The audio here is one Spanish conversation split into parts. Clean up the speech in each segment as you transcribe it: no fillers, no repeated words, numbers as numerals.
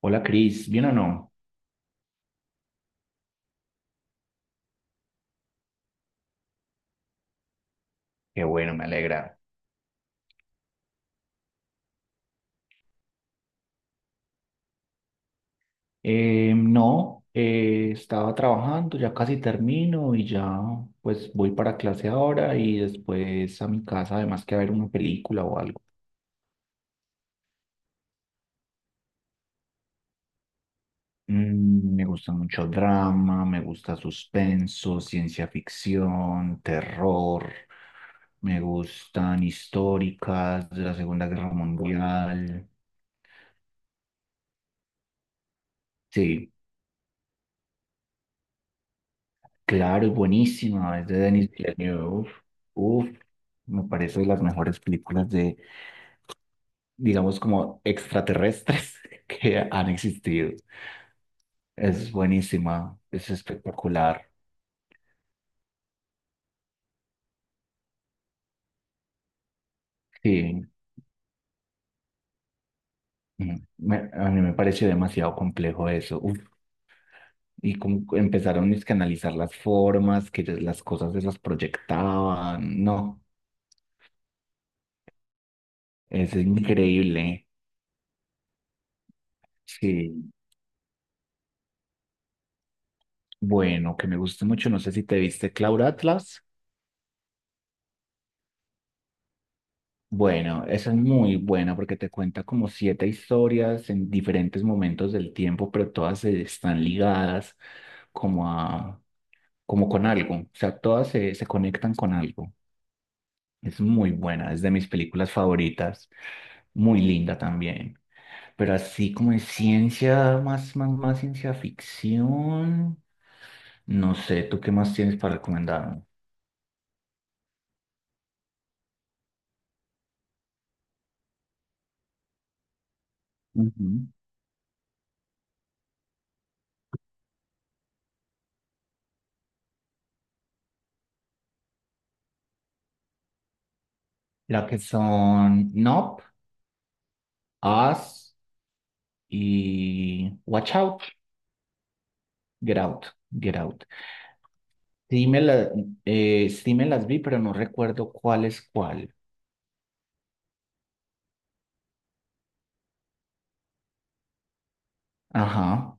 Hola Cris, ¿bien o no? Qué bueno, me alegra. No, estaba trabajando, ya casi termino y ya pues voy para clase ahora y después a mi casa, además que a ver una película o algo. Me gusta mucho drama, me gusta suspenso, ciencia ficción, terror, me gustan históricas de la Segunda Guerra Mundial. Sí. Claro, es buenísima, es de Denis Villeneuve. Uf, me parece de las mejores películas de, digamos, como extraterrestres que han existido. Es buenísima, es espectacular. Sí, a mí me pareció demasiado complejo eso. Uf, y como empezaron es que a analizar las formas, que las cosas se las proyectaban. No, es increíble. Sí, bueno, que me gusta mucho. No sé si te viste Cloud Atlas. Bueno, esa es muy buena porque te cuenta como siete historias en diferentes momentos del tiempo, pero todas están ligadas como a, como con algo. O sea, todas se conectan con algo. Es muy buena, es de mis películas favoritas, muy linda también. Pero así como de ciencia, más, más, más ciencia ficción. No sé, ¿tú qué más tienes para recomendarme? Ujú. La que son Nope, Us y Watch Out. Get Out, Get Out. Sí me, la- sí me las vi, pero no recuerdo cuál es cuál. Ajá.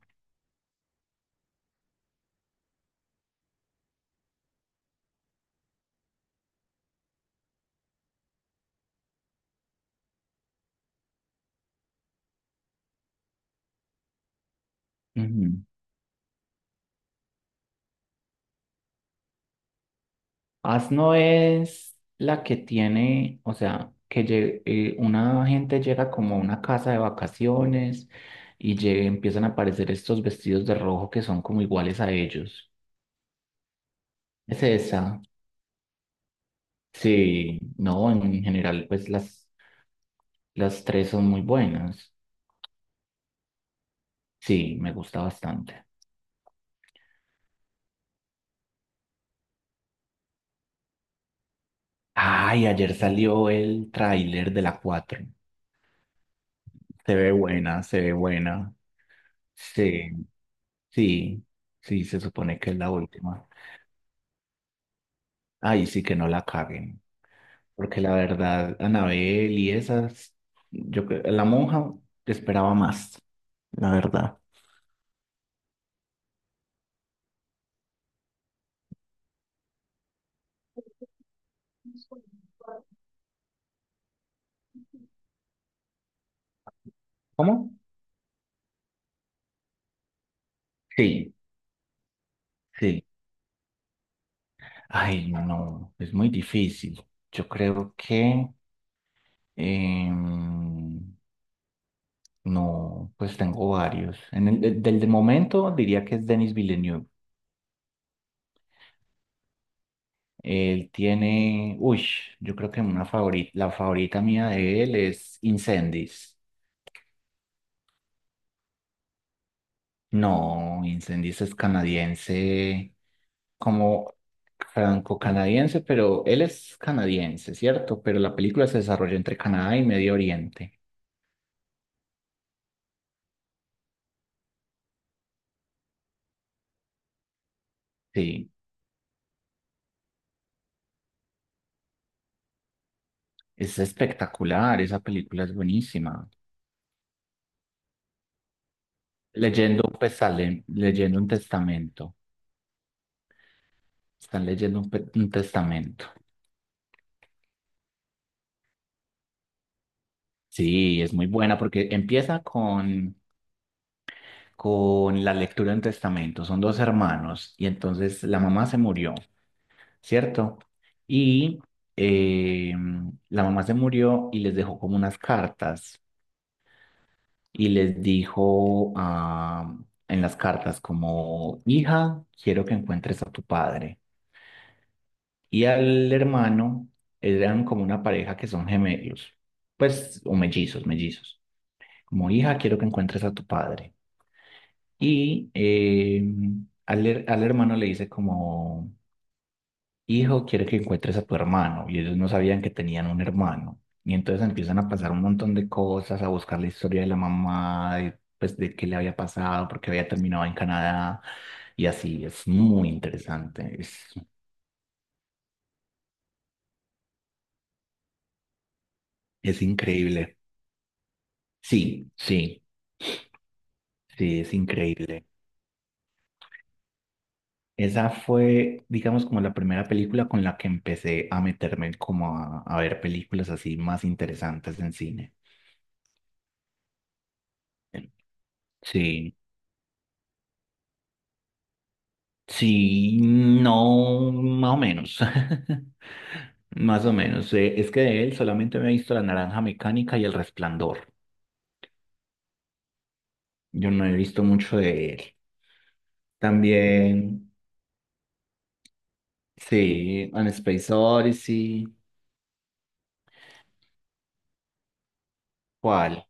Ujú. As no es la que tiene, o sea, una gente llega como a una casa de vacaciones y empiezan a aparecer estos vestidos de rojo que son como iguales a ellos. Es esa. Sí, no, en general, pues las tres son muy buenas. Sí, me gusta bastante. Ay, ayer salió el tráiler de la 4. Se ve buena, se ve buena. Sí, sí, sí, se supone que es la última. Ay, sí que no la caguen. Porque la verdad, Anabel y esas, la monja esperaba más, la verdad. ¿Cómo? Sí, sí. Ay, no, no, es muy difícil. Yo creo que em, no, pues tengo varios. Del momento diría que es Denis Villeneuve. Él tiene, uy, yo creo que una favorita, la favorita mía de él es Incendies. No, Incendies es canadiense, como franco-canadiense, pero él es canadiense, ¿cierto? Pero la película se desarrolla entre Canadá y Medio Oriente. Sí, es espectacular, esa película es buenísima. Leyendo un testamento. Están leyendo un testamento. Sí, es muy buena porque empieza con la lectura de un testamento. Son dos hermanos y entonces la mamá se murió, ¿cierto? Y eh, la mamá se murió y les dejó como unas cartas y les dijo ah, en las cartas como, hija, quiero que encuentres a tu padre. Y al hermano eran como una pareja que son gemelos, pues, o mellizos, mellizos. Como hija, quiero que encuentres a tu padre. Y al hermano le dice como, hijo, quiero que encuentres a tu hermano. Y ellos no sabían que tenían un hermano. Y entonces empiezan a pasar un montón de cosas, a buscar la historia de la mamá, de, pues de qué le había pasado, porque había terminado en Canadá. Y así, es muy interesante, es, increíble. Sí, sí, sí, es increíble. Esa fue, digamos, como la primera película con la que empecé a meterme como a ver películas así más interesantes en cine. Sí, sí, no, más o menos. Más o menos. Es que de él solamente me he visto La Naranja Mecánica y El Resplandor. Yo no he visto mucho de él. También, sí, An Space Odyssey. ¿Cuál?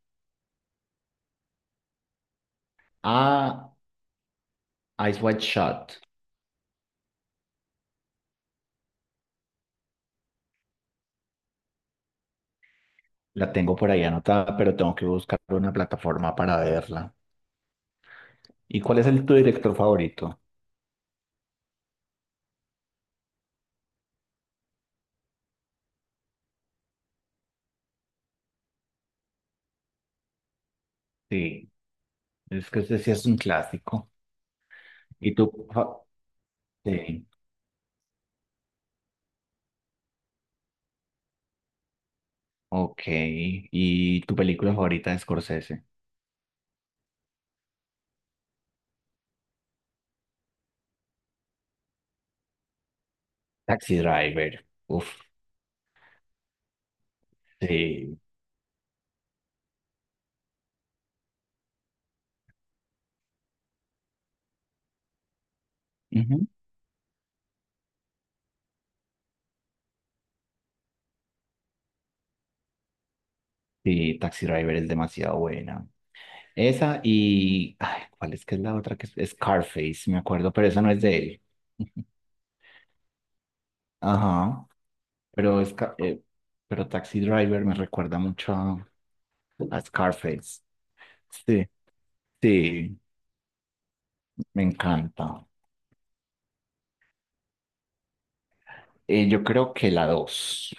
Ah, Eyes Wide Shut. La tengo por ahí anotada, pero tengo que buscar una plataforma para verla. ¿Y cuál es el tu director favorito? Sí, es que ese sí es un clásico. ¿Y tu? Sí, ok. ¿Y tu película favorita de Scorsese? Taxi Driver. Uf, sí. Ujú. Sí, Taxi Driver es demasiado buena. Esa y, ay, ¿cuál es que es la otra? Que es Scarface, me acuerdo, pero esa no es de él. Ajá, pero, es, ca- eh, pero Taxi Driver me recuerda mucho, A Scarface. Sí. Sí, me encanta. Yo creo que la dos.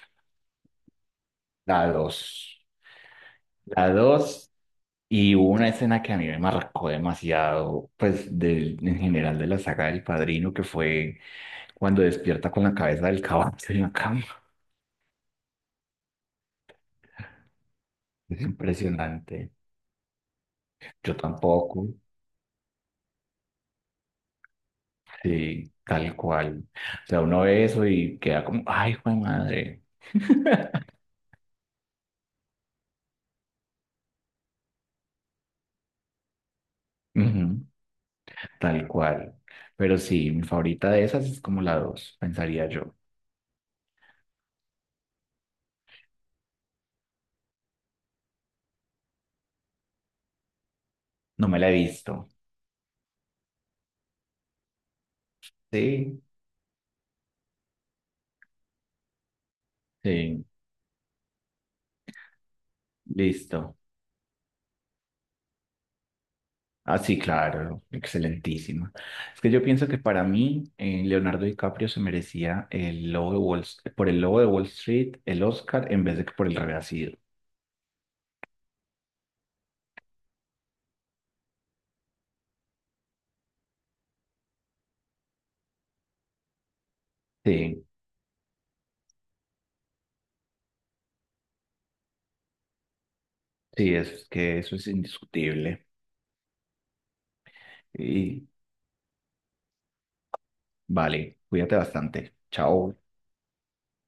La dos. La dos. Y hubo una escena que a mí me marcó demasiado, pues del, en general de la saga del Padrino, que fue cuando despierta con la cabeza del caballo en la cama. Es impresionante. Yo tampoco. Sí, tal cual. O sea, uno ve eso y queda como, ay, fue madre. Ujú. Tal cual. Pero sí, mi favorita de esas es como la dos, pensaría yo. No me la he visto. Sí, sí, listo. Ah, sí, claro, excelentísima. Es que yo pienso que para mí Leonardo DiCaprio se merecía el lobo de Wall, por el lobo de Wall Street, el Oscar, en vez de que por el Renacido. Sí, sí, es que eso es indiscutible. Y vale, cuídate bastante. Chao.